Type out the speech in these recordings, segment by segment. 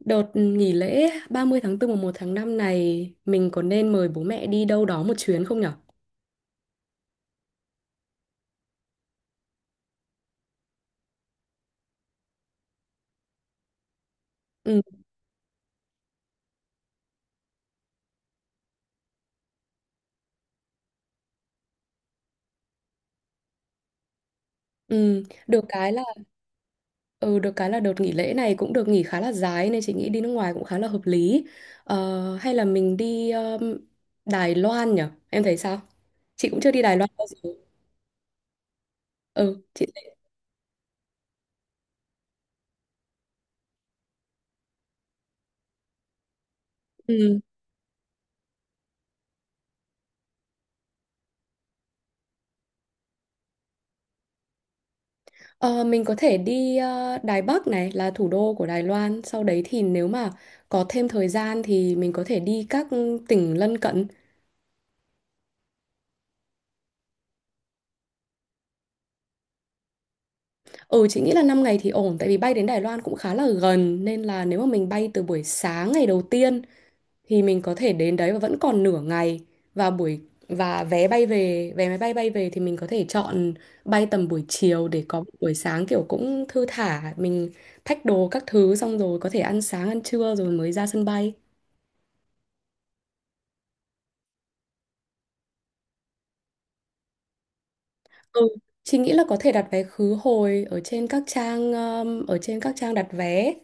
Đợt nghỉ lễ 30 tháng 4 và 1 tháng 5 này mình có nên mời bố mẹ đi đâu đó một chuyến không nhở? Ừ, ừ, được cái là ừ, được cái là đợt nghỉ lễ này cũng được nghỉ khá là dài nên chị nghĩ đi nước ngoài cũng khá là hợp lý. Ờ, hay là mình đi Đài Loan nhở? Em thấy sao? Chị cũng chưa đi Đài Loan bao giờ. Ừ, chị thấy. Ừ. Ờ, mình có thể đi Đài Bắc này là thủ đô của Đài Loan. Sau đấy thì nếu mà có thêm thời gian thì mình có thể đi các tỉnh lân cận. Ừ, chị nghĩ là 5 ngày thì ổn tại vì bay đến Đài Loan cũng khá là gần nên là nếu mà mình bay từ buổi sáng ngày đầu tiên thì mình có thể đến đấy và vẫn còn nửa ngày và buổi và vé máy bay bay về thì mình có thể chọn bay tầm buổi chiều để có một buổi sáng kiểu cũng thư thả mình thách đồ các thứ xong rồi có thể ăn sáng ăn trưa rồi mới ra sân bay. Ừ. Chị nghĩ là có thể đặt vé khứ hồi ở trên các trang đặt vé.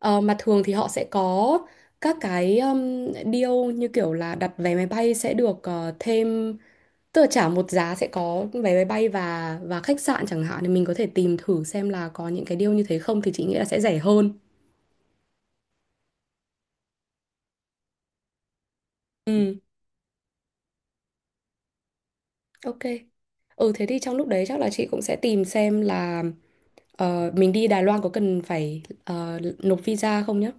Ờ, mà thường thì họ sẽ có các cái deal như kiểu là đặt vé máy bay sẽ được thêm, tức là trả một giá sẽ có vé máy bay và khách sạn chẳng hạn thì mình có thể tìm thử xem là có những cái deal như thế không thì chị nghĩ là sẽ rẻ hơn. Ừ, ok. Ừ, thế thì trong lúc đấy chắc là chị cũng sẽ tìm xem là mình đi Đài Loan có cần phải nộp visa không nhá.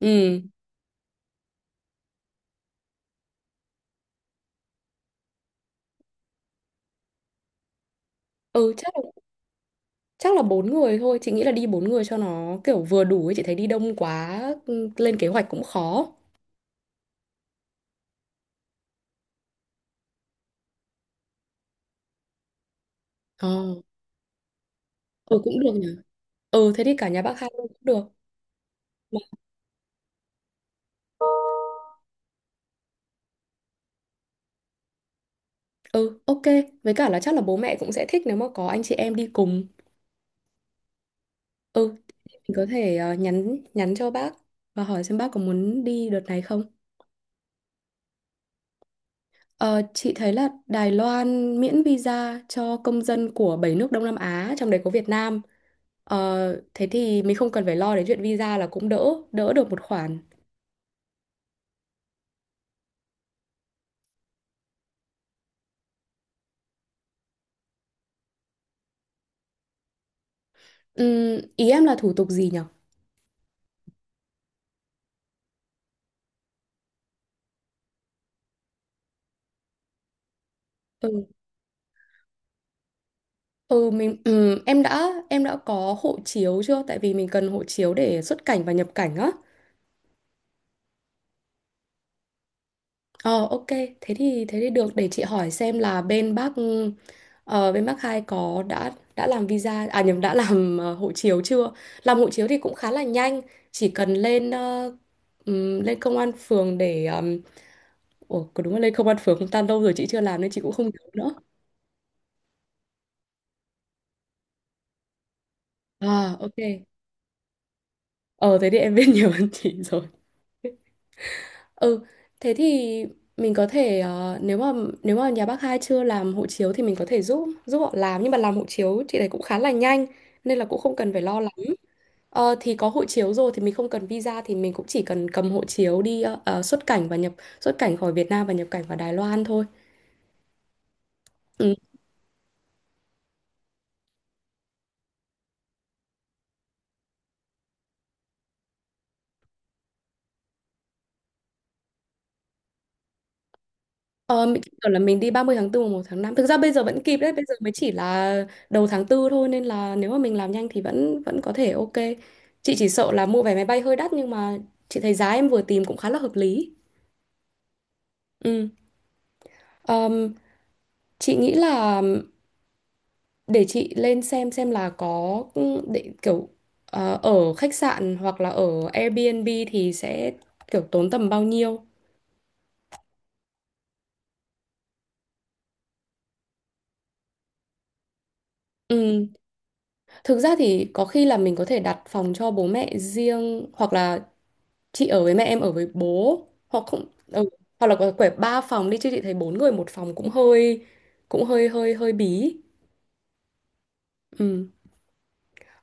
Ừ. Ừ, chắc là 4 người thôi. Chị nghĩ là đi 4 người cho nó kiểu vừa đủ ấy. Chị thấy đi đông quá lên kế hoạch cũng khó. Ờ Ừ, cũng được nhỉ. Ừ, thế thì cả nhà bác hai luôn cũng được. Mà- Ừ, ok. Với cả là chắc là bố mẹ cũng sẽ thích nếu mà có anh chị em đi cùng. Ừ, mình có thể nhắn nhắn cho bác. Và hỏi xem bác có muốn đi đợt này không. Ờ, chị thấy là Đài Loan miễn visa cho công dân của 7 nước Đông Nam Á, trong đấy có Việt Nam. Ờ, thế thì mình không cần phải lo đến chuyện visa là cũng đỡ được một khoản. Ý em là thủ tục gì nhỉ? Ừ, ừ, mình em đã có hộ chiếu chưa? Tại vì mình cần hộ chiếu để xuất cảnh và nhập cảnh á. Ờ, ok, thế thì được, để chị hỏi xem là bên bác hai có đã làm visa, à nhầm, đã làm hộ chiếu chưa? Làm hộ chiếu thì cũng khá là nhanh, chỉ cần lên công an phường để ủa, có đúng là lên công an phường không ta, lâu rồi chị chưa làm nên chị cũng không nhớ nữa. À, ok. Ờ Thế thì em biết nhiều hơn chị rồi. Ừ, thế thì mình có thể nếu mà nhà bác hai chưa làm hộ chiếu thì mình có thể giúp giúp họ làm, nhưng mà làm hộ chiếu chị này cũng khá là nhanh nên là cũng không cần phải lo lắng. Ờ, thì có hộ chiếu rồi thì mình không cần visa thì mình cũng chỉ cần cầm hộ chiếu đi xuất cảnh và nhập xuất cảnh khỏi Việt Nam và nhập cảnh vào Đài Loan thôi. Ừ. Ờ, kiểu là mình đi 30 tháng 4, mùng 1 tháng 5. Thực ra bây giờ vẫn kịp đấy, bây giờ mới chỉ là đầu tháng 4 thôi nên là nếu mà mình làm nhanh thì vẫn vẫn có thể ok. Chị chỉ sợ là mua vé máy bay hơi đắt nhưng mà chị thấy giá em vừa tìm cũng khá là hợp lý. Ừ. Ờm, chị nghĩ là để chị lên xem là có ừ, để kiểu ờ, ở khách sạn hoặc là ở Airbnb thì sẽ kiểu tốn tầm bao nhiêu. Ừ. Thực ra thì có khi là mình có thể đặt phòng cho bố mẹ riêng hoặc là chị ở với mẹ em ở với bố, hoặc không Hoặc là có quẻ 3 phòng đi chứ chị thấy 4 người 1 phòng cũng hơi hơi hơi bí. Ừ.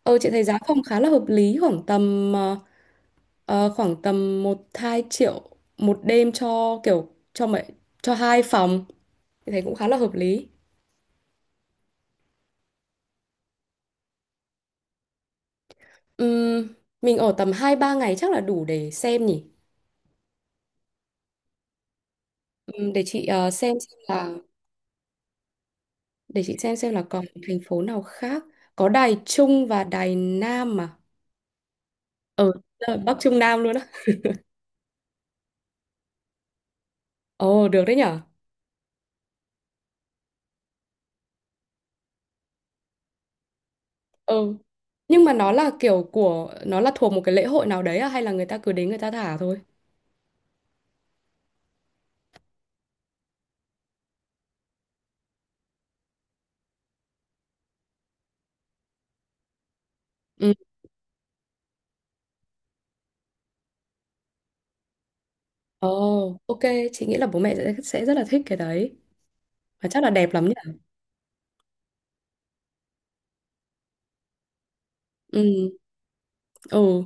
ờ chị thấy giá phòng khá là hợp lý, khoảng tầm khoảng tầm 1-2 triệu 1 đêm cho kiểu cho mấy cho 2 phòng, chị thấy cũng khá là hợp lý. Ừm, mình ở tầm 2-3 ngày chắc là đủ để xem nhỉ. Ừm, để chị ờ, xem xem là để chị xem là còn thành phố nào khác. Có Đài Trung và Đài Nam mà. Ừ, là Bắc Trung Nam luôn á. Ồ, được đấy nhở. Ừ. Nhưng mà nó là kiểu của nó là thuộc một cái lễ hội nào đấy à, hay là người ta cứ đến người ta thả thôi? Ừ. Ồ, ok, chị nghĩ là bố mẹ sẽ rất là thích cái đấy. Và chắc là đẹp lắm nhỉ. Ừ. Ừ.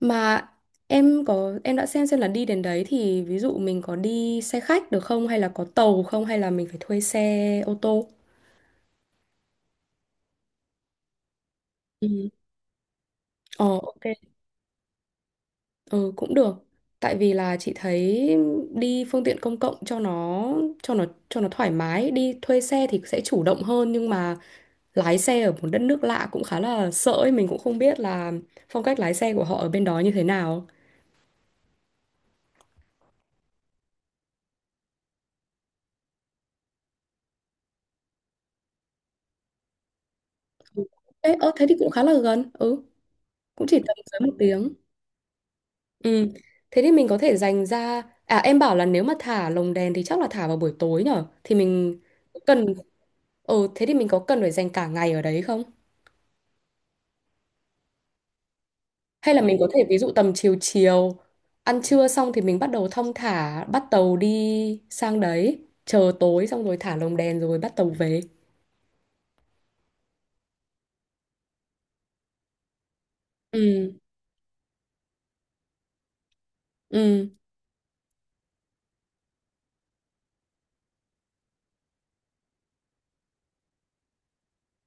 Mà em có em đã xem là đi đến đấy thì ví dụ mình có đi xe khách được không, hay là có tàu không, hay là mình phải thuê xe ô tô? Ừ. Ồ, ok. Ừ, cũng được. Tại vì là chị thấy đi phương tiện công cộng cho nó thoải mái, đi thuê xe thì sẽ chủ động hơn nhưng mà lái xe ở một đất nước lạ cũng khá là sợ ấy, mình cũng không biết là phong cách lái xe của họ ở bên đó như thế nào. Ừ. Ê, ơ thế thì cũng khá là gần. Ừ, cũng chỉ tầm dưới 1 tiếng. Ừ. Thế thì mình có thể dành ra, à em bảo là nếu mà thả lồng đèn thì chắc là thả vào buổi tối nhở? Thì mình cần, ừ, thế thì mình có cần phải dành cả ngày ở đấy không? Hay là mình có thể ví dụ tầm chiều chiều, ăn trưa xong thì mình bắt đầu thong thả bắt tàu đi sang đấy, chờ tối xong rồi thả lồng đèn rồi bắt tàu về. Ừ, ừ,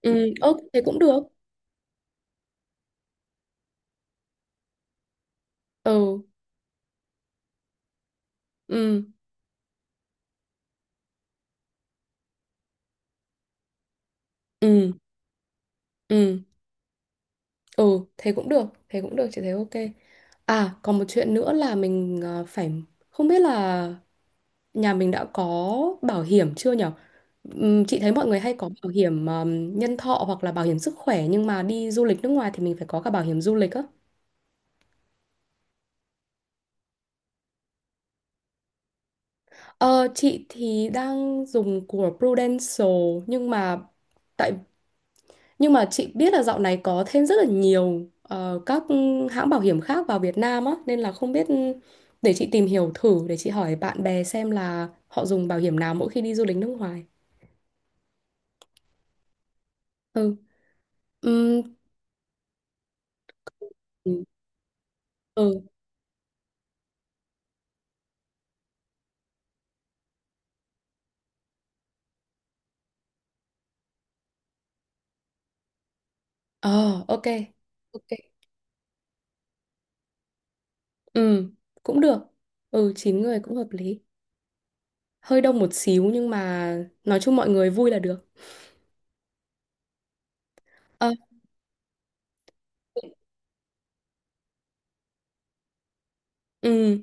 ừ, ơ thế cũng được. Ừ, ừ, ừ, ừ, ừ, thế cũng được, chị thấy ok. À, còn một chuyện nữa là mình ờ, phải không biết là nhà mình đã có bảo hiểm chưa nhở? Chị thấy mọi người hay có bảo hiểm nhân thọ hoặc là bảo hiểm sức khỏe nhưng mà đi du lịch nước ngoài thì mình phải có cả bảo hiểm du lịch á. Ờ, chị thì đang dùng của Prudential tại nhưng mà chị biết là dạo này có thêm rất là nhiều các hãng bảo hiểm khác vào Việt Nam á nên là không biết, để chị tìm hiểu thử, để chị hỏi bạn bè xem là họ dùng bảo hiểm nào mỗi khi đi du lịch nước ngoài. Ừ. Ừm, Ừ. Ờ, ok. Ok. Ừ, cũng được. Ừ, 9 người cũng hợp lý. Hơi đông một xíu nhưng mà nói chung mọi người vui là được. Ờ, ừ,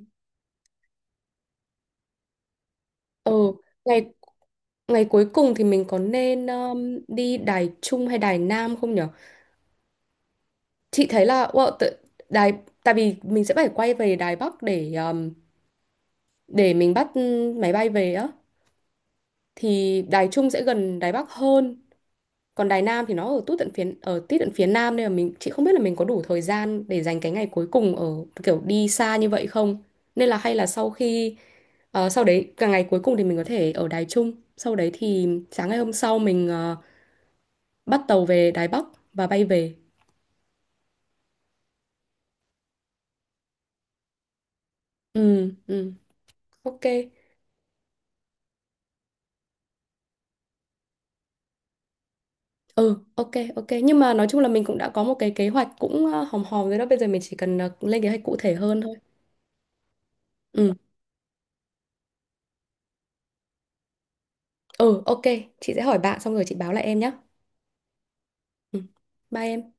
ừ. Ngày Ngày cuối cùng thì mình có nên đi Đài Trung hay Đài Nam không nhở? Chị thấy là wow, tự, Đài tại vì mình sẽ phải quay về Đài Bắc để mình bắt máy bay về á, thì Đài Trung sẽ gần Đài Bắc hơn, còn Đài Nam thì nó ở tít tận phía Nam nên là chị không biết là mình có đủ thời gian để dành cái ngày cuối cùng ở kiểu đi xa như vậy không, nên là hay là sau khi sau đấy cả ngày cuối cùng thì mình có thể ở Đài Trung, sau đấy thì sáng ngày hôm sau mình bắt tàu về Đài Bắc và bay về. Ừ, ừ, ok. Ừ, ok, ok, nhưng mà nói chung là mình cũng đã có một cái kế hoạch cũng hòm hòm rồi đó, bây giờ mình chỉ cần lên kế hoạch cụ thể hơn thôi. Ừ, ừ, ok. Chị sẽ hỏi bạn xong rồi chị báo lại em nhé. Ừ, bye em.